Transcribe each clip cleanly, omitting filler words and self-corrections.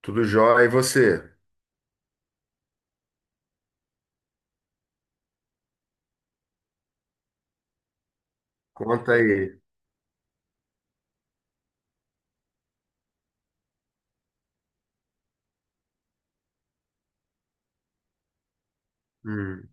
Tudo jóia, e você? Conta aí. Hum,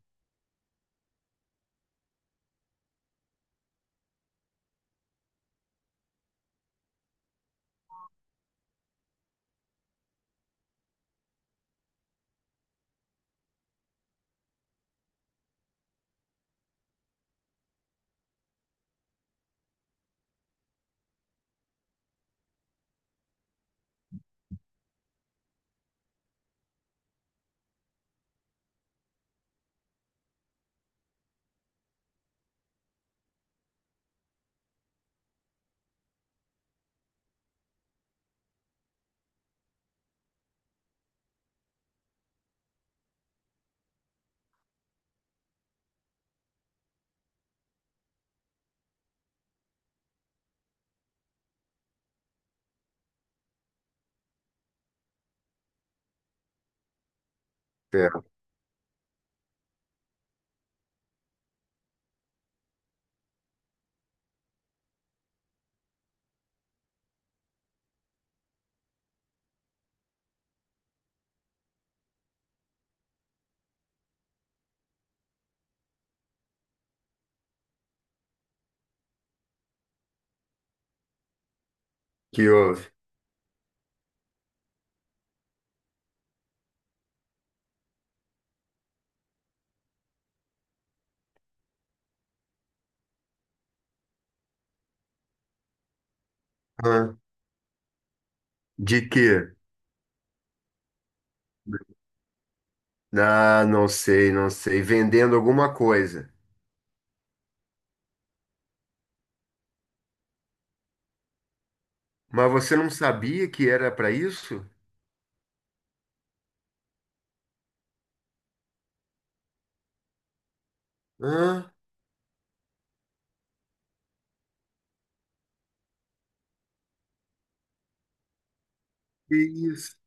pera, que houve? Hã? De quê? Ah, não sei, não sei. Vendendo alguma coisa. Mas você não sabia que era para isso? Hã? Que isso?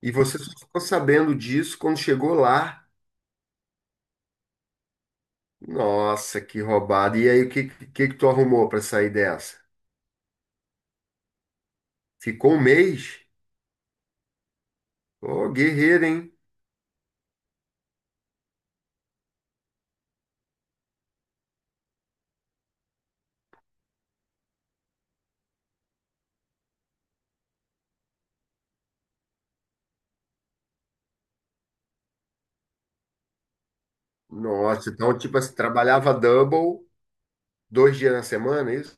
E você só ficou sabendo disso quando chegou lá? Nossa, que roubada. E aí, o que, que tu arrumou para sair dessa? Ficou um mês? Ô, guerreiro, hein? Nossa, então, tipo assim, trabalhava double, dois dias na semana, é isso?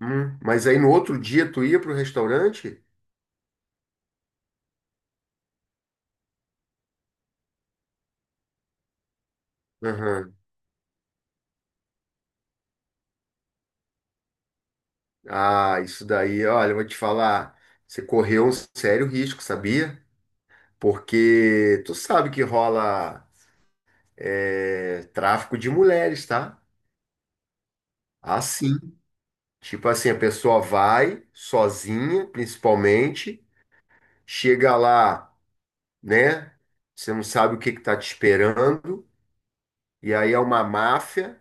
Mas aí no outro dia tu ia pro restaurante? Aham. Ah, isso daí, olha, eu vou te falar, você correu um sério risco, sabia? Porque tu sabe que rola é, tráfico de mulheres, tá? Assim. Tipo assim, a pessoa vai sozinha, principalmente, chega lá, né? Você não sabe o que que tá te esperando, e aí é uma máfia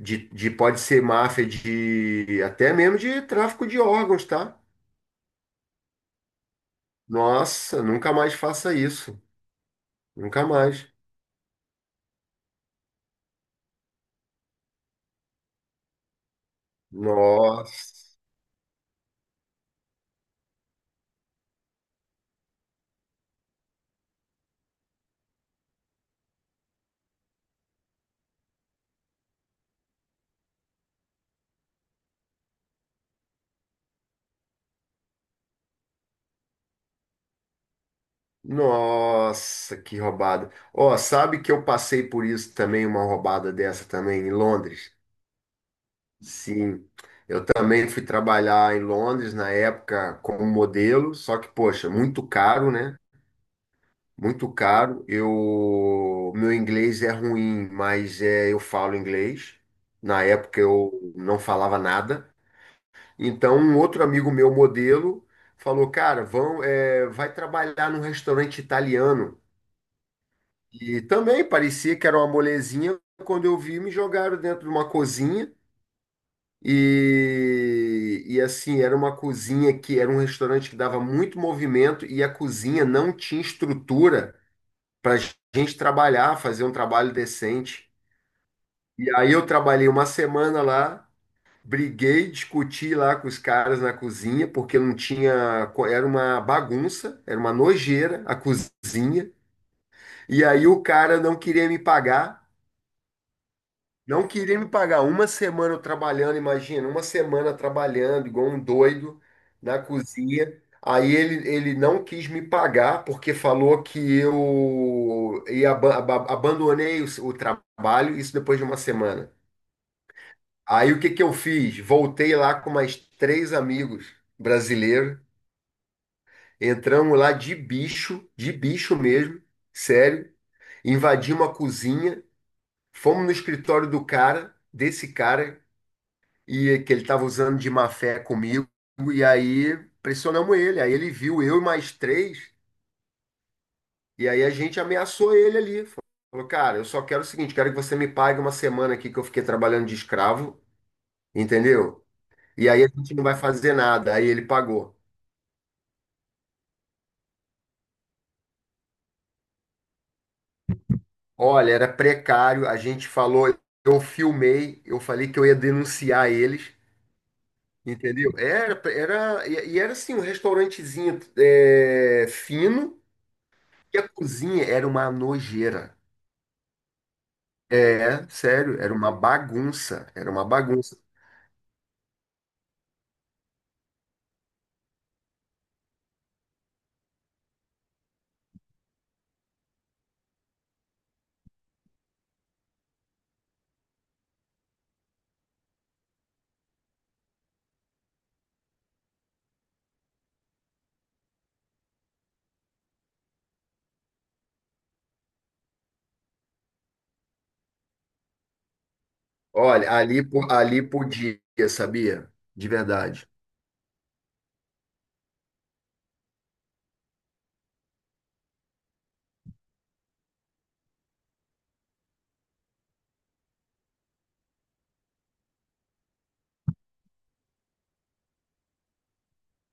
de pode ser máfia de até mesmo de tráfico de órgãos, tá? Nossa, nunca mais faça isso. Nunca mais. Nossa. Nossa, que roubada. Ó, sabe que eu passei por isso também, uma roubada dessa também em Londres? Sim. Eu também fui trabalhar em Londres na época como modelo, só que, poxa, muito caro, né? Muito caro. Eu, meu inglês é ruim, mas é, eu falo inglês. Na época eu não falava nada. Então, um outro amigo meu, modelo, falou: Cara, vão, é, vai trabalhar num restaurante italiano. E também parecia que era uma molezinha. Quando eu vi, me jogaram dentro de uma cozinha. E assim, era uma cozinha que era um restaurante que dava muito movimento e a cozinha não tinha estrutura para gente trabalhar, fazer um trabalho decente. E aí eu trabalhei uma semana lá. Briguei, discuti lá com os caras na cozinha, porque não tinha. Era uma bagunça, era uma nojeira a cozinha. E aí o cara não queria me pagar, não queria me pagar. Uma semana eu trabalhando, imagina, uma semana trabalhando, igual um doido, na cozinha. Aí ele não quis me pagar, porque falou que eu ia, abandonei o, o trabalho, isso depois de uma semana. Aí o que que eu fiz? Voltei lá com mais três amigos brasileiros. Entramos lá de bicho mesmo, sério. Invadimos a cozinha, fomos no escritório do cara, desse cara, e que ele estava usando de má fé comigo. E aí pressionamos ele. Aí ele viu eu e mais três, e aí a gente ameaçou ele ali. Falou, cara, eu só quero o seguinte, quero que você me pague uma semana aqui que eu fiquei trabalhando de escravo, entendeu? E aí a gente não vai fazer nada. Aí ele pagou. Olha, era precário, a gente falou, eu filmei, eu falei que eu ia denunciar eles, entendeu? E era assim, um restaurantezinho é, fino, e a cozinha era uma nojeira. É, sério, era uma bagunça, era uma bagunça. Olha, ali, ali podia, sabia? De verdade.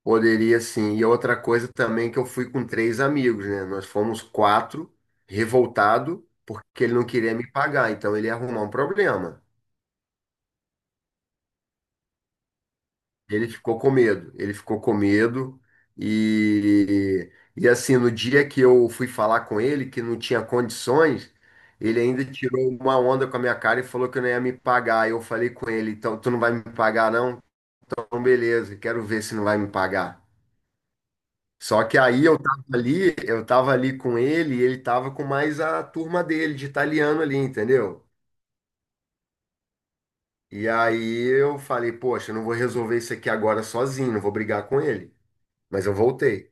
Poderia sim. E outra coisa também que eu fui com três amigos, né? Nós fomos quatro, revoltado, porque ele não queria me pagar, então ele ia arrumar um problema. Ele ficou com medo, ele ficou com medo e assim, no dia que eu fui falar com ele, que não tinha condições, ele ainda tirou uma onda com a minha cara e falou que não ia me pagar. Eu falei com ele, então tu não vai me pagar não? Então beleza, quero ver se não vai me pagar. Só que aí eu tava ali com ele e ele tava com mais a turma dele de italiano ali, entendeu? E aí eu falei, poxa, eu não vou resolver isso aqui agora sozinho, não vou brigar com ele. Mas eu voltei.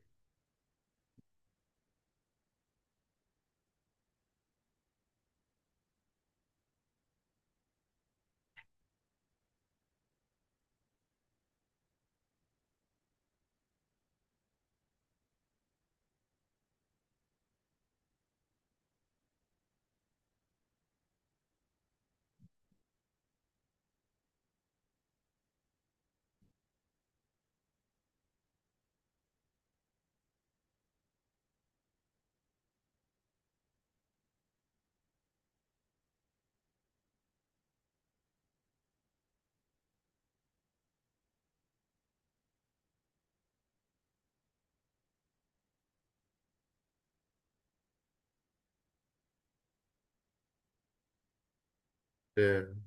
É.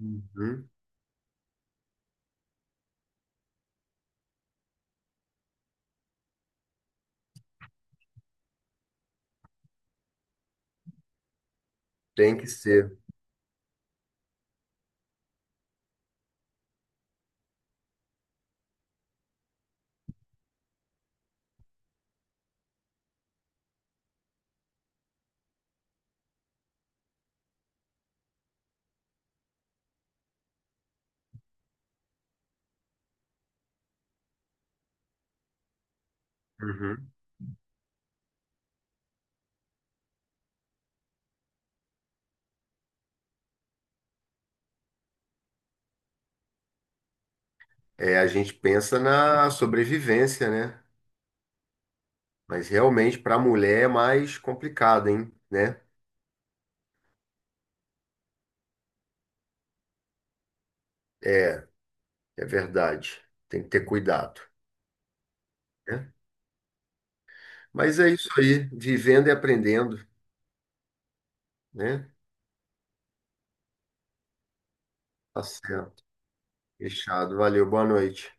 Uhum, tem que ser. Uhum. É, a gente pensa na sobrevivência, né? Mas realmente para a mulher é mais complicado, hein? Né? É, é verdade. Tem que ter cuidado, né? Mas é isso aí, vivendo e aprendendo, né? Tá certo. Fechado. Valeu, boa noite.